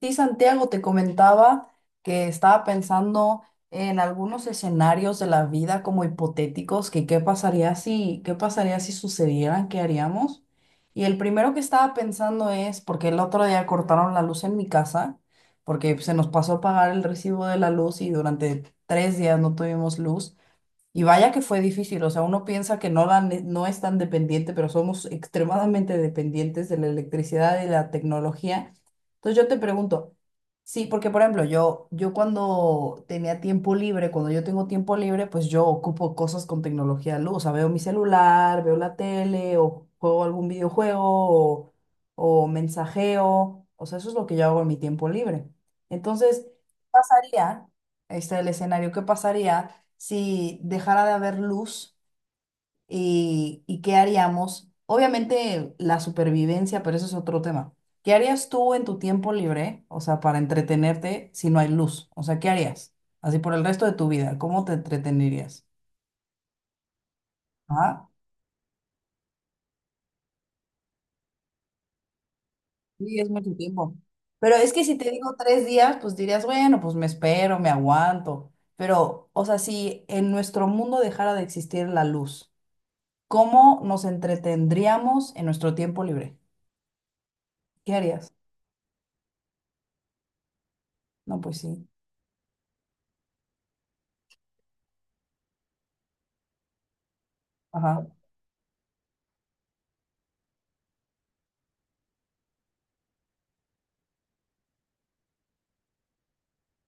Sí, Santiago, te comentaba que estaba pensando en algunos escenarios de la vida como hipotéticos, que qué pasaría si sucedieran, qué haríamos. Y el primero que estaba pensando es, porque el otro día cortaron la luz en mi casa, porque se nos pasó a pagar el recibo de la luz y durante 3 días no tuvimos luz. Y vaya que fue difícil, o sea, uno piensa que no, no es tan dependiente, pero somos extremadamente dependientes de la electricidad y la tecnología. Entonces yo te pregunto, sí, porque por ejemplo, yo, cuando yo tengo tiempo libre, pues yo ocupo cosas con tecnología de luz, o sea, veo mi celular, veo la tele, o juego algún videojuego, o mensajeo, o sea, eso es lo que yo hago en mi tiempo libre. Entonces, ¿qué pasaría? El escenario. ¿Qué pasaría si dejara de haber luz y qué haríamos? Obviamente la supervivencia, pero eso es otro tema. ¿Qué harías tú en tu tiempo libre, o sea, para entretenerte si no hay luz? O sea, ¿qué harías? Así por el resto de tu vida, ¿cómo te entretenerías? Ah, sí, es mucho tiempo. Pero es que si te digo 3 días, pues dirías, bueno, pues me espero, me aguanto. Pero, o sea, si en nuestro mundo dejara de existir la luz, ¿cómo nos entretendríamos en nuestro tiempo libre? ¿Qué harías? No, pues sí. Ajá.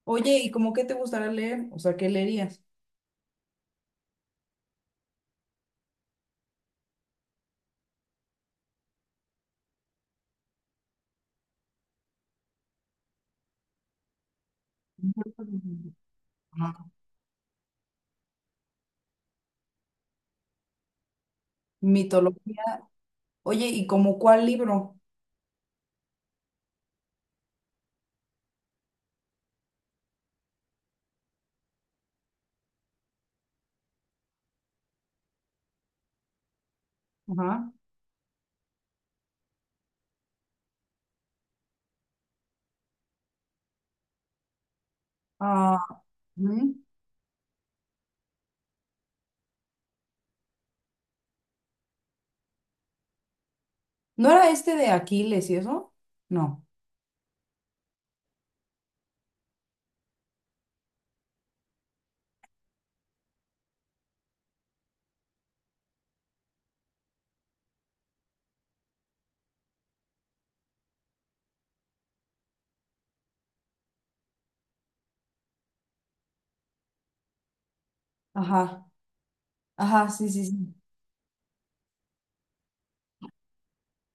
Oye, ¿y cómo qué te gustaría leer? O sea, ¿qué leerías? Ajá. Mitología. Oye, ¿y como cuál libro? Ajá. Ah, ujú. ¿No era este de Aquiles y eso? No. Ajá. Ajá, sí, sí, sí.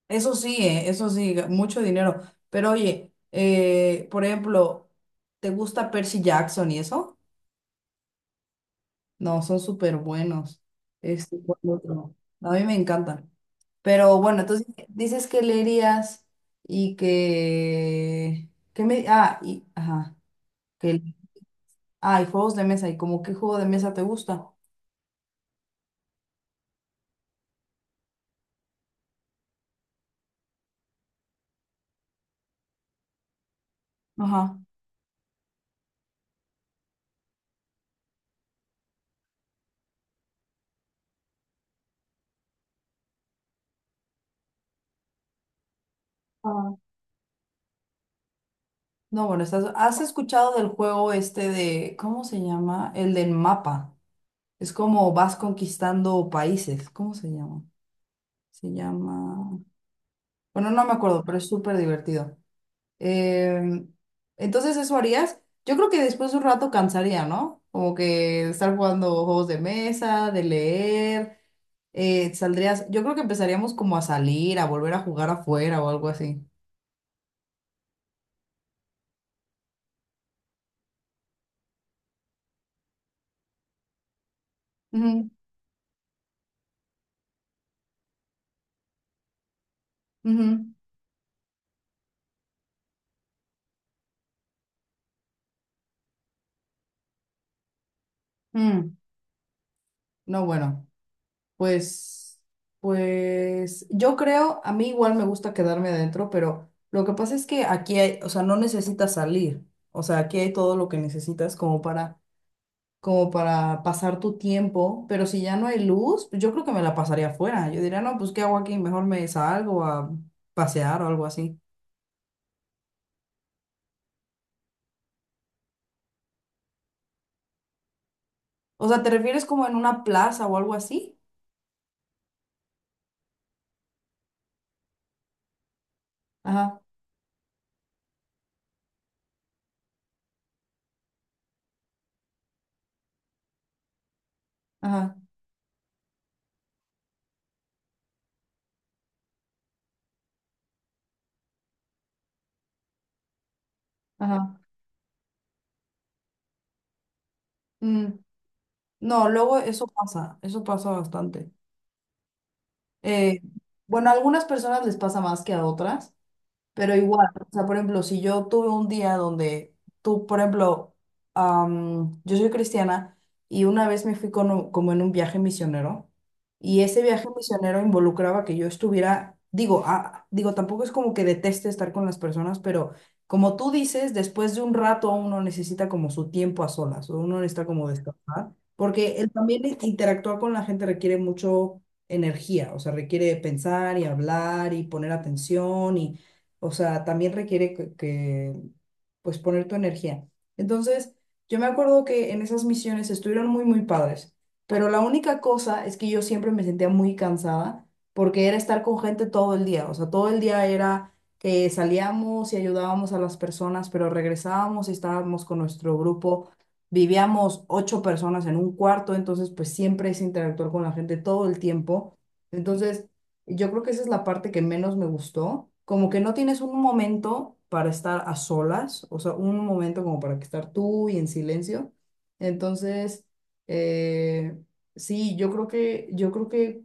Eso sí, mucho dinero. Pero oye, por ejemplo, ¿te gusta Percy Jackson y eso? No, son súper buenos. ¿Cuál otro? A mí me encantan. Pero bueno, entonces dices que leerías y ajá, que, y juegos de mesa, y como qué juego de mesa te gusta. Ajá. Ajá. No, bueno, ¿Has escuchado del juego este de, cómo se llama? El del mapa. Es como vas conquistando países. ¿Cómo se llama? Se llama, bueno, no me acuerdo, pero es súper divertido. Em, entonces, ¿eso harías? Yo creo que después de un rato cansaría, ¿no? Como que estar jugando juegos de mesa, de leer, yo creo que empezaríamos como a salir, a volver a jugar afuera o algo así. Ujú, ujú, mm. No, bueno, pues, pues yo creo, a mí igual me gusta quedarme adentro, pero lo que pasa es que aquí hay, o sea, no necesitas salir, o sea, aquí hay todo lo que necesitas como para pasar tu tiempo, pero si ya no hay luz, pues yo creo que me la pasaría afuera. Yo diría, no, pues ¿qué hago aquí? Mejor me salgo a pasear o algo así. O sea, ¿te refieres como en una plaza o algo así? Ajá, ajá, ajá. Mm. No, luego eso pasa bastante. Eh, bueno, a algunas personas les pasa más que a otras. Pero igual, o sea, por ejemplo, si yo tuve un día donde tú, por ejemplo, yo soy cristiana y una vez me fui con como en un viaje misionero y ese viaje misionero involucraba que yo estuviera, digo, tampoco es como que deteste estar con las personas, pero como tú dices, después de un rato uno necesita como su tiempo a solas, o uno necesita como descansar, porque el también interactuar con la gente requiere mucho energía, o sea, requiere pensar y hablar y poner atención y, o sea, también requiere pues poner tu energía. Entonces, yo me acuerdo que en esas misiones estuvieron muy, muy padres, pero la única cosa es que yo siempre me sentía muy cansada porque era estar con gente todo el día. O sea, todo el día era que salíamos y ayudábamos a las personas, pero regresábamos y estábamos con nuestro grupo. Vivíamos ocho personas en un cuarto, entonces pues siempre es interactuar con la gente todo el tiempo. Entonces, yo creo que esa es la parte que menos me gustó, como que no tienes un momento para estar a solas, o sea, un momento como para que estar tú y en silencio. Entonces, eh, sí,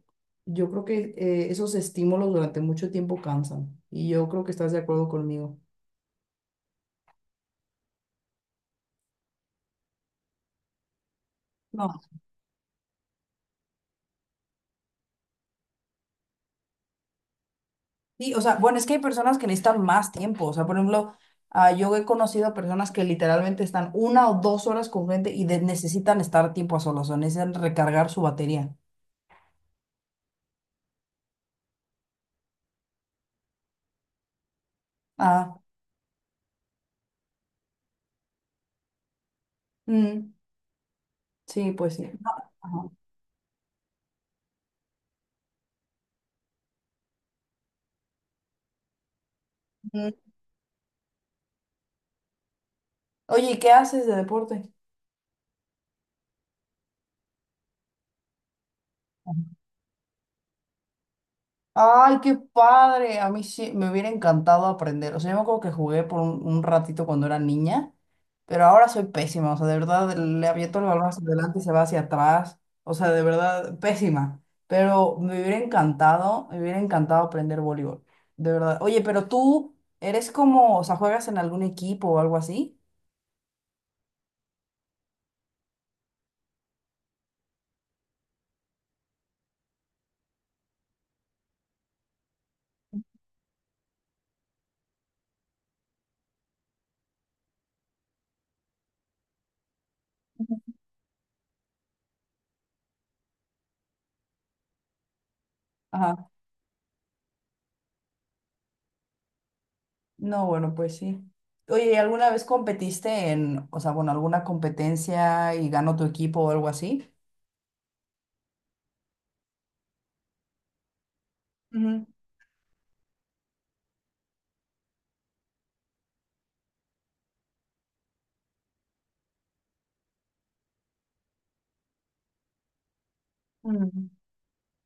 yo creo que esos estímulos durante mucho tiempo cansan y yo creo que estás de acuerdo conmigo. No. Sí, o sea, bueno, es que hay personas que necesitan más tiempo. O sea, por ejemplo, yo he conocido a personas que literalmente están 1 o 2 horas con gente y necesitan estar tiempo a solas, o necesitan recargar su batería. Ah, mm, sí, pues sí. No, ajá. Mm. Oye, ¿y qué haces de deporte? Ay, qué padre. A mí sí me hubiera encantado aprender. O sea, yo me acuerdo que jugué por un ratito cuando era niña, pero ahora soy pésima. O sea, de verdad le aviento el balón hacia adelante y se va hacia atrás. O sea, de verdad pésima. Pero me hubiera encantado aprender voleibol. De verdad. Oye, pero tú eres como, o sea, juegas en algún equipo o algo así. Ajá. No, bueno, pues sí. Oye, ¿y alguna vez competiste en, o sea, bueno, alguna competencia y ganó tu equipo o algo así? Mm.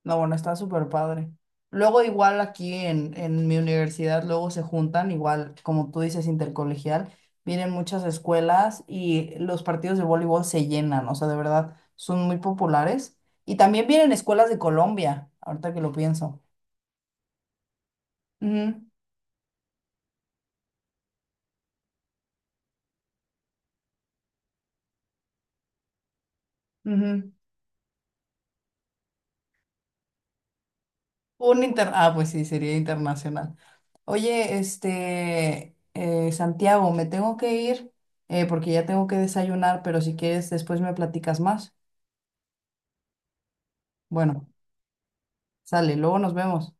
No, bueno, está súper padre. Luego igual aquí en mi universidad, luego se juntan, igual como tú dices, intercolegial, vienen muchas escuelas y los partidos de voleibol se llenan, o sea, de verdad, son muy populares. Y también vienen escuelas de Colombia, ahorita que lo pienso. Ujú, ujú. Ah, pues sí, sería internacional. Oye, Santiago, me tengo que ir porque ya tengo que desayunar, pero si quieres después me platicas más. Bueno. Sale, luego nos vemos.